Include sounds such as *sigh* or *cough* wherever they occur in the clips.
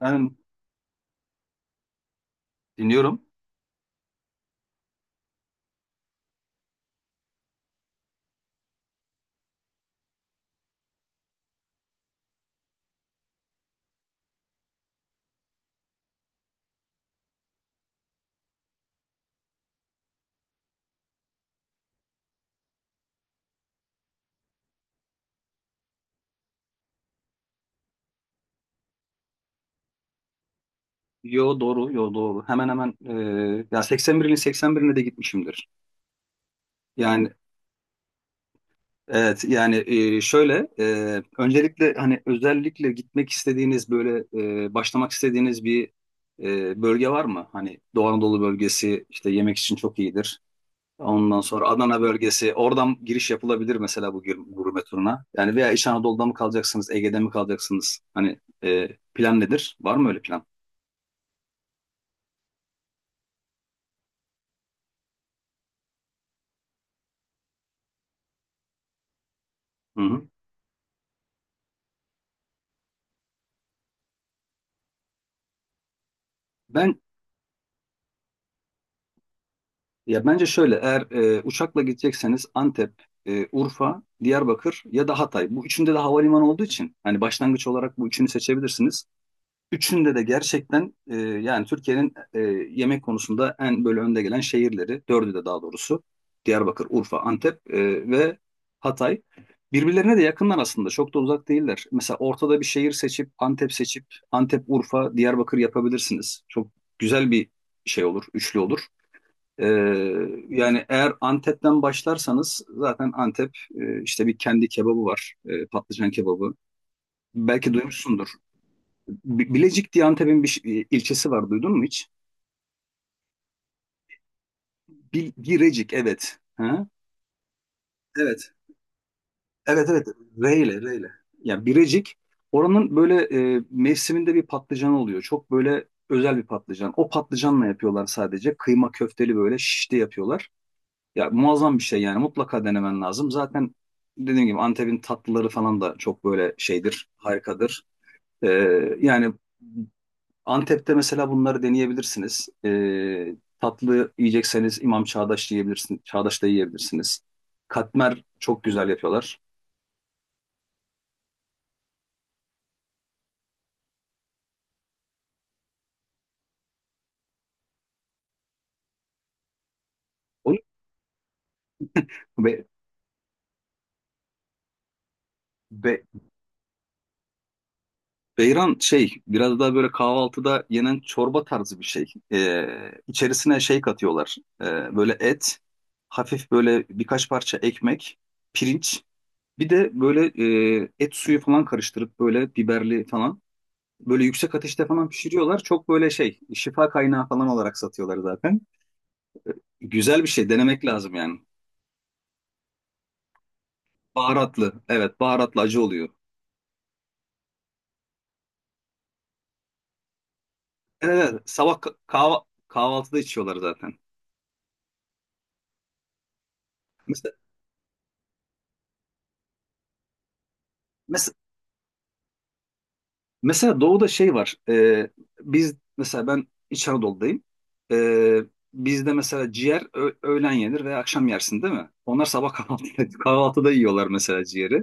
Ben dinliyorum. Yo doğru, yo doğru. Hemen hemen ya 81'in 81'ine de gitmişimdir. Yani evet yani, şöyle öncelikle hani özellikle gitmek istediğiniz böyle, başlamak istediğiniz bir bölge var mı? Hani Doğu Anadolu bölgesi işte yemek için çok iyidir. Ondan sonra Adana bölgesi, oradan giriş yapılabilir mesela bu gurme turuna. Yani veya İç Anadolu'da mı kalacaksınız, Ege'de mi kalacaksınız? Hani plan nedir? Var mı öyle plan? Hı hı. Ben Ya bence şöyle, eğer uçakla gidecekseniz Antep, Urfa, Diyarbakır ya da Hatay. Bu üçünde de havalimanı olduğu için hani başlangıç olarak bu üçünü seçebilirsiniz. Üçünde de gerçekten yani Türkiye'nin yemek konusunda en böyle önde gelen şehirleri, dördü de daha doğrusu Diyarbakır, Urfa, Antep ve Hatay. Birbirlerine de yakınlar aslında, çok da uzak değiller. Mesela ortada bir şehir seçip, Antep seçip Antep, Urfa, Diyarbakır yapabilirsiniz. Çok güzel bir şey olur, üçlü olur. Ee, yani eğer Antep'ten başlarsanız, zaten Antep işte bir kendi kebabı var. Patlıcan kebabı. Belki duymuşsundur. Bilecik diye Antep'in bir ilçesi var. Duydun mu hiç? Birecik, evet. Ha? Evet. Evet, evet. R ile, R ile. Yani Birecik, oranın böyle mevsiminde bir patlıcan oluyor. Çok böyle özel bir patlıcan. O patlıcanla yapıyorlar sadece. Kıyma köfteli böyle şişte yapıyorlar. Ya muazzam bir şey yani, mutlaka denemen lazım. Zaten dediğim gibi Antep'in tatlıları falan da çok böyle şeydir, harikadır. Ee, yani Antep'te mesela bunları deneyebilirsiniz. Tatlı yiyecekseniz İmam Çağdaş yiyebilirsiniz, Çağdaş'ta yiyebilirsiniz. Katmer çok güzel yapıyorlar. Onu Beyran şey, biraz daha böyle kahvaltıda yenen çorba tarzı bir şey. Ee, içerisine şey katıyorlar. Böyle et, hafif böyle birkaç parça ekmek, pirinç. Bir de böyle et suyu falan karıştırıp, böyle biberli falan. Böyle yüksek ateşte falan pişiriyorlar. Çok böyle şey, şifa kaynağı falan olarak satıyorlar zaten. Güzel bir şey, denemek lazım yani. Baharatlı. Evet, baharatlı acı oluyor. Evet, evet, sabah kahvaltıda içiyorlar zaten. Mesela, mes- mesela doğuda şey var. Biz mesela, ben İç Anadolu'dayım. E, bizde mesela ciğer öğlen yenir veya akşam yersin değil mi? Onlar sabah kahvaltıda, *laughs* kahvaltıda yiyorlar mesela ciğeri.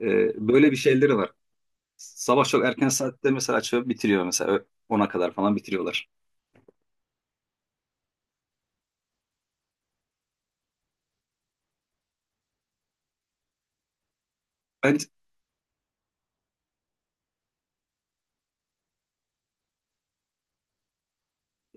Böyle bir şeyleri var. Sabah çok erken saatte mesela açıyor bitiriyor, mesela 10'a kadar falan bitiriyorlar. Ben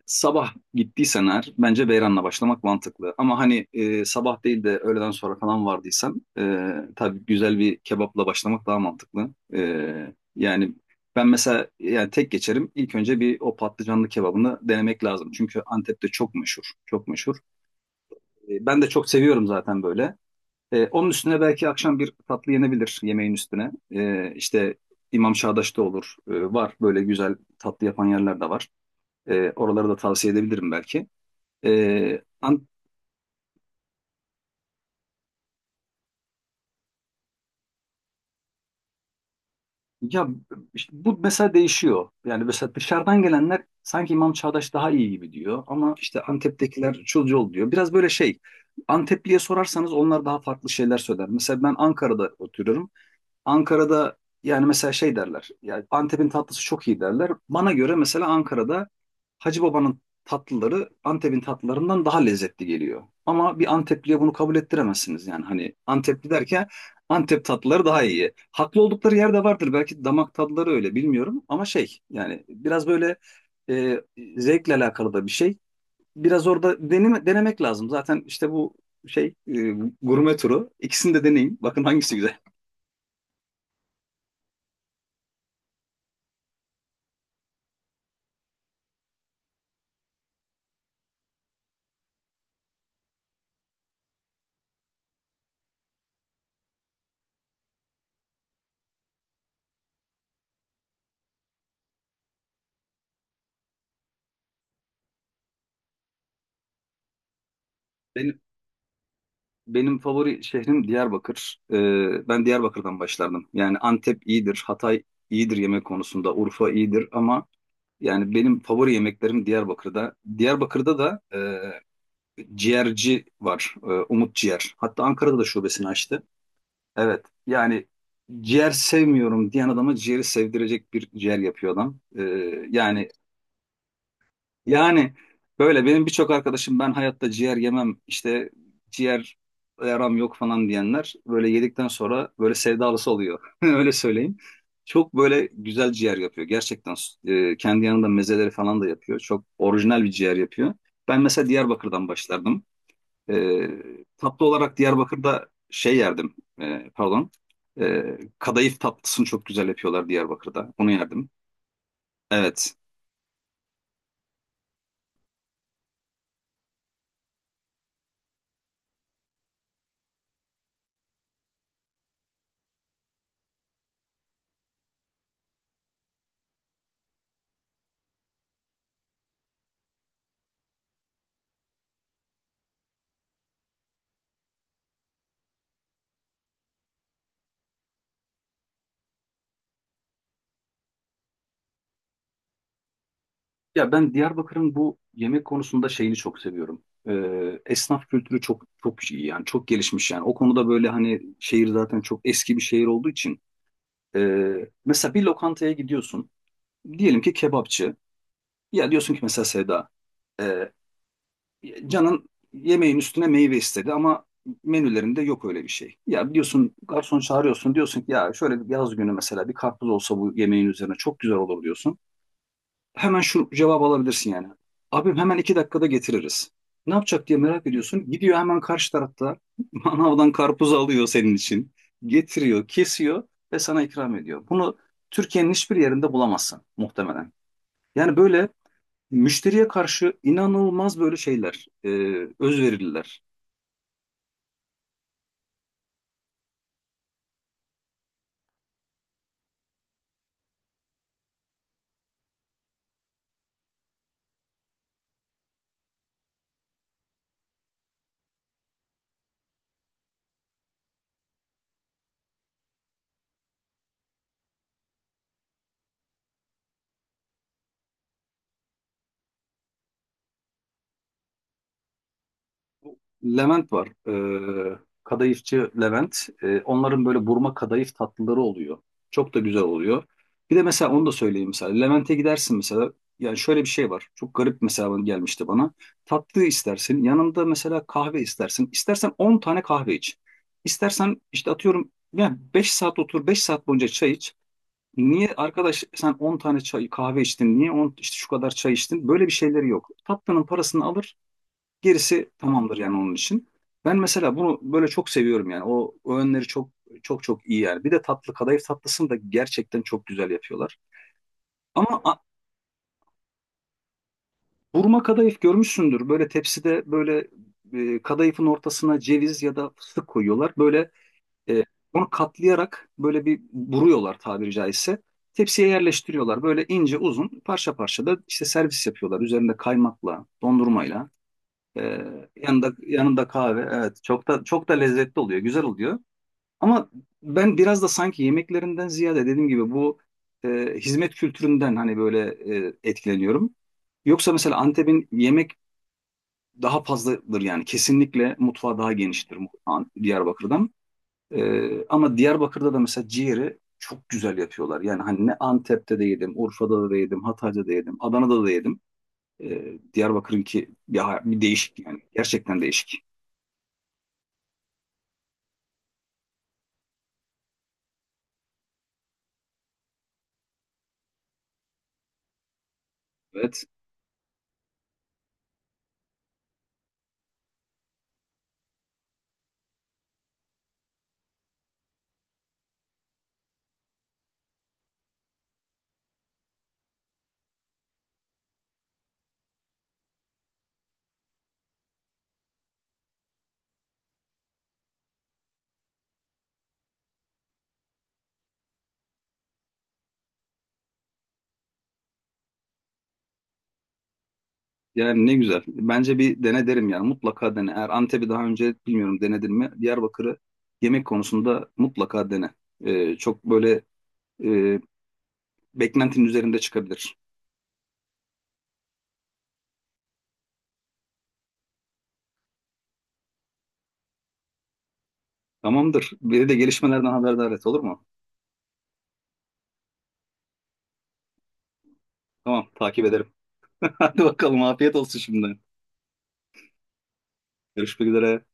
Sabah gittiysen eğer, bence Beyran'la başlamak mantıklı. Ama hani sabah değil de öğleden sonra falan vardıysan, tabii güzel bir kebapla başlamak daha mantıklı. E, yani ben mesela, yani tek geçerim. İlk önce bir o patlıcanlı kebabını denemek lazım. Çünkü Antep'te çok meşhur, çok meşhur. Ben de çok seviyorum zaten böyle. Onun üstüne belki akşam bir tatlı yenebilir, yemeğin üstüne. İşte İmam Çağdaş'ta olur. Var böyle güzel tatlı yapan yerler de var. Oraları da tavsiye edebilirim belki. Ee, an- ya işte bu mesela değişiyor. Yani mesela dışarıdan gelenler sanki İmam Çağdaş daha iyi gibi diyor, ama işte Antep'tekiler Çulcuoğlu diyor. Biraz böyle şey, Antepli'ye sorarsanız onlar daha farklı şeyler söyler. Mesela ben Ankara'da oturuyorum. Ankara'da yani mesela şey derler. Yani Antep'in tatlısı çok iyi derler. Bana göre mesela Ankara'da Hacı Baba'nın tatlıları Antep'in tatlılarından daha lezzetli geliyor. Ama bir Antepli'ye bunu kabul ettiremezsiniz yani. Hani Antepli derken, Antep tatlıları daha iyi. Haklı oldukları yer de vardır. Belki damak tadları öyle, bilmiyorum. Ama şey, yani biraz böyle e, zevkle alakalı da bir şey. Biraz orada denemek lazım. Zaten işte bu şey, gurme turu. İkisini de deneyin. Bakın hangisi güzel. Benim, Benim favori şehrim Diyarbakır. Ben Diyarbakır'dan başlardım. Yani Antep iyidir, Hatay iyidir yemek konusunda, Urfa iyidir, ama yani benim favori yemeklerim Diyarbakır'da. Diyarbakır'da da ciğerci var, Umut Ciğer. Hatta Ankara'da da şubesini açtı. Evet, yani ciğer sevmiyorum diyen adama ciğeri sevdirecek bir ciğer yapıyor adam. Yani yani böyle benim birçok arkadaşım, ben hayatta ciğer yemem işte, ciğer yaram yok falan diyenler, böyle yedikten sonra böyle sevdalısı oluyor. *laughs* Öyle söyleyeyim. Çok böyle güzel ciğer yapıyor. Gerçekten kendi yanında mezeleri falan da yapıyor. Çok orijinal bir ciğer yapıyor. Ben mesela Diyarbakır'dan başlardım. E, tatlı olarak Diyarbakır'da şey yerdim. Pardon. Kadayıf tatlısını çok güzel yapıyorlar Diyarbakır'da. Onu yerdim. Evet. Ya ben Diyarbakır'ın bu yemek konusunda şeyini çok seviyorum. Esnaf kültürü çok çok iyi yani, çok gelişmiş yani. O konuda böyle, hani şehir zaten çok eski bir şehir olduğu için. ee, mesela bir lokantaya gidiyorsun. Diyelim ki kebapçı. Ya diyorsun ki mesela Sevda. ee, canın yemeğin üstüne meyve istedi, ama menülerinde yok öyle bir şey. Ya diyorsun, garson çağırıyorsun, diyorsun ki ya şöyle bir yaz günü mesela bir karpuz olsa bu yemeğin üzerine çok güzel olur diyorsun, hemen şu cevabı alabilirsin yani. Abim, hemen 2 dakikada getiririz. Ne yapacak diye merak ediyorsun. Gidiyor hemen karşı tarafta *laughs* manavdan karpuz alıyor senin için. Getiriyor, kesiyor ve sana ikram ediyor. Bunu Türkiye'nin hiçbir yerinde bulamazsın muhtemelen. Yani böyle müşteriye karşı inanılmaz, böyle şeyler, özverililer. Levent var. Ee, kadayıfçı Levent. Onların böyle burma kadayıf tatlıları oluyor. Çok da güzel oluyor. Bir de mesela onu da söyleyeyim mesela. Levent'e gidersin mesela. Yani şöyle bir şey var. Çok garip mesela, gelmişti bana. Tatlı istersin. Yanında mesela kahve istersin. İstersen 10 tane kahve iç. İstersen işte, atıyorum yani, 5 saat otur, 5 saat boyunca çay iç. Niye arkadaş sen 10 tane çay, kahve içtin? Niye 10 işte, şu kadar çay içtin? Böyle bir şeyleri yok. Tatlının parasını alır, gerisi tamamdır yani, onun için. Ben mesela bunu böyle çok seviyorum yani. O öğünleri çok çok çok iyi yani. Bir de tatlı kadayıf tatlısını da gerçekten çok güzel yapıyorlar. Ama a- burma kadayıf görmüşsündür. Böyle tepside böyle kadayıfın ortasına ceviz ya da fıstık koyuyorlar. Böyle e, onu katlayarak böyle bir buruyorlar, tabiri caizse. Tepsiye yerleştiriyorlar. Böyle ince uzun parça parça da işte servis yapıyorlar. Üzerinde kaymakla, dondurmayla. Ee, yanında kahve. Evet, çok da çok da lezzetli oluyor, güzel oluyor. Ama ben biraz da sanki yemeklerinden ziyade, dediğim gibi bu e, hizmet kültüründen hani böyle etkileniyorum. Yoksa mesela Antep'in yemek daha fazladır yani, kesinlikle mutfağı daha geniştir Diyarbakır'dan. Ama Diyarbakır'da da mesela ciğeri çok güzel yapıyorlar. Yani hani ne Antep'te de yedim, Urfa'da da yedim, Hatay'da da yedim, Adana'da da yedim. Diyarbakır'ınki ya bir değişik yani, gerçekten değişik. Evet. Yani ne güzel. Bence bir dene derim yani. Mutlaka dene. Eğer Antep'i daha önce, bilmiyorum, denedin mi? Diyarbakır'ı yemek konusunda mutlaka dene. Çok böyle e, beklentinin üzerinde çıkabilir. Tamamdır. Beni de gelişmelerden haberdar et, olur mu? Tamam, takip ederim. *laughs* Hadi bakalım, afiyet olsun şimdi. Görüşmek üzere.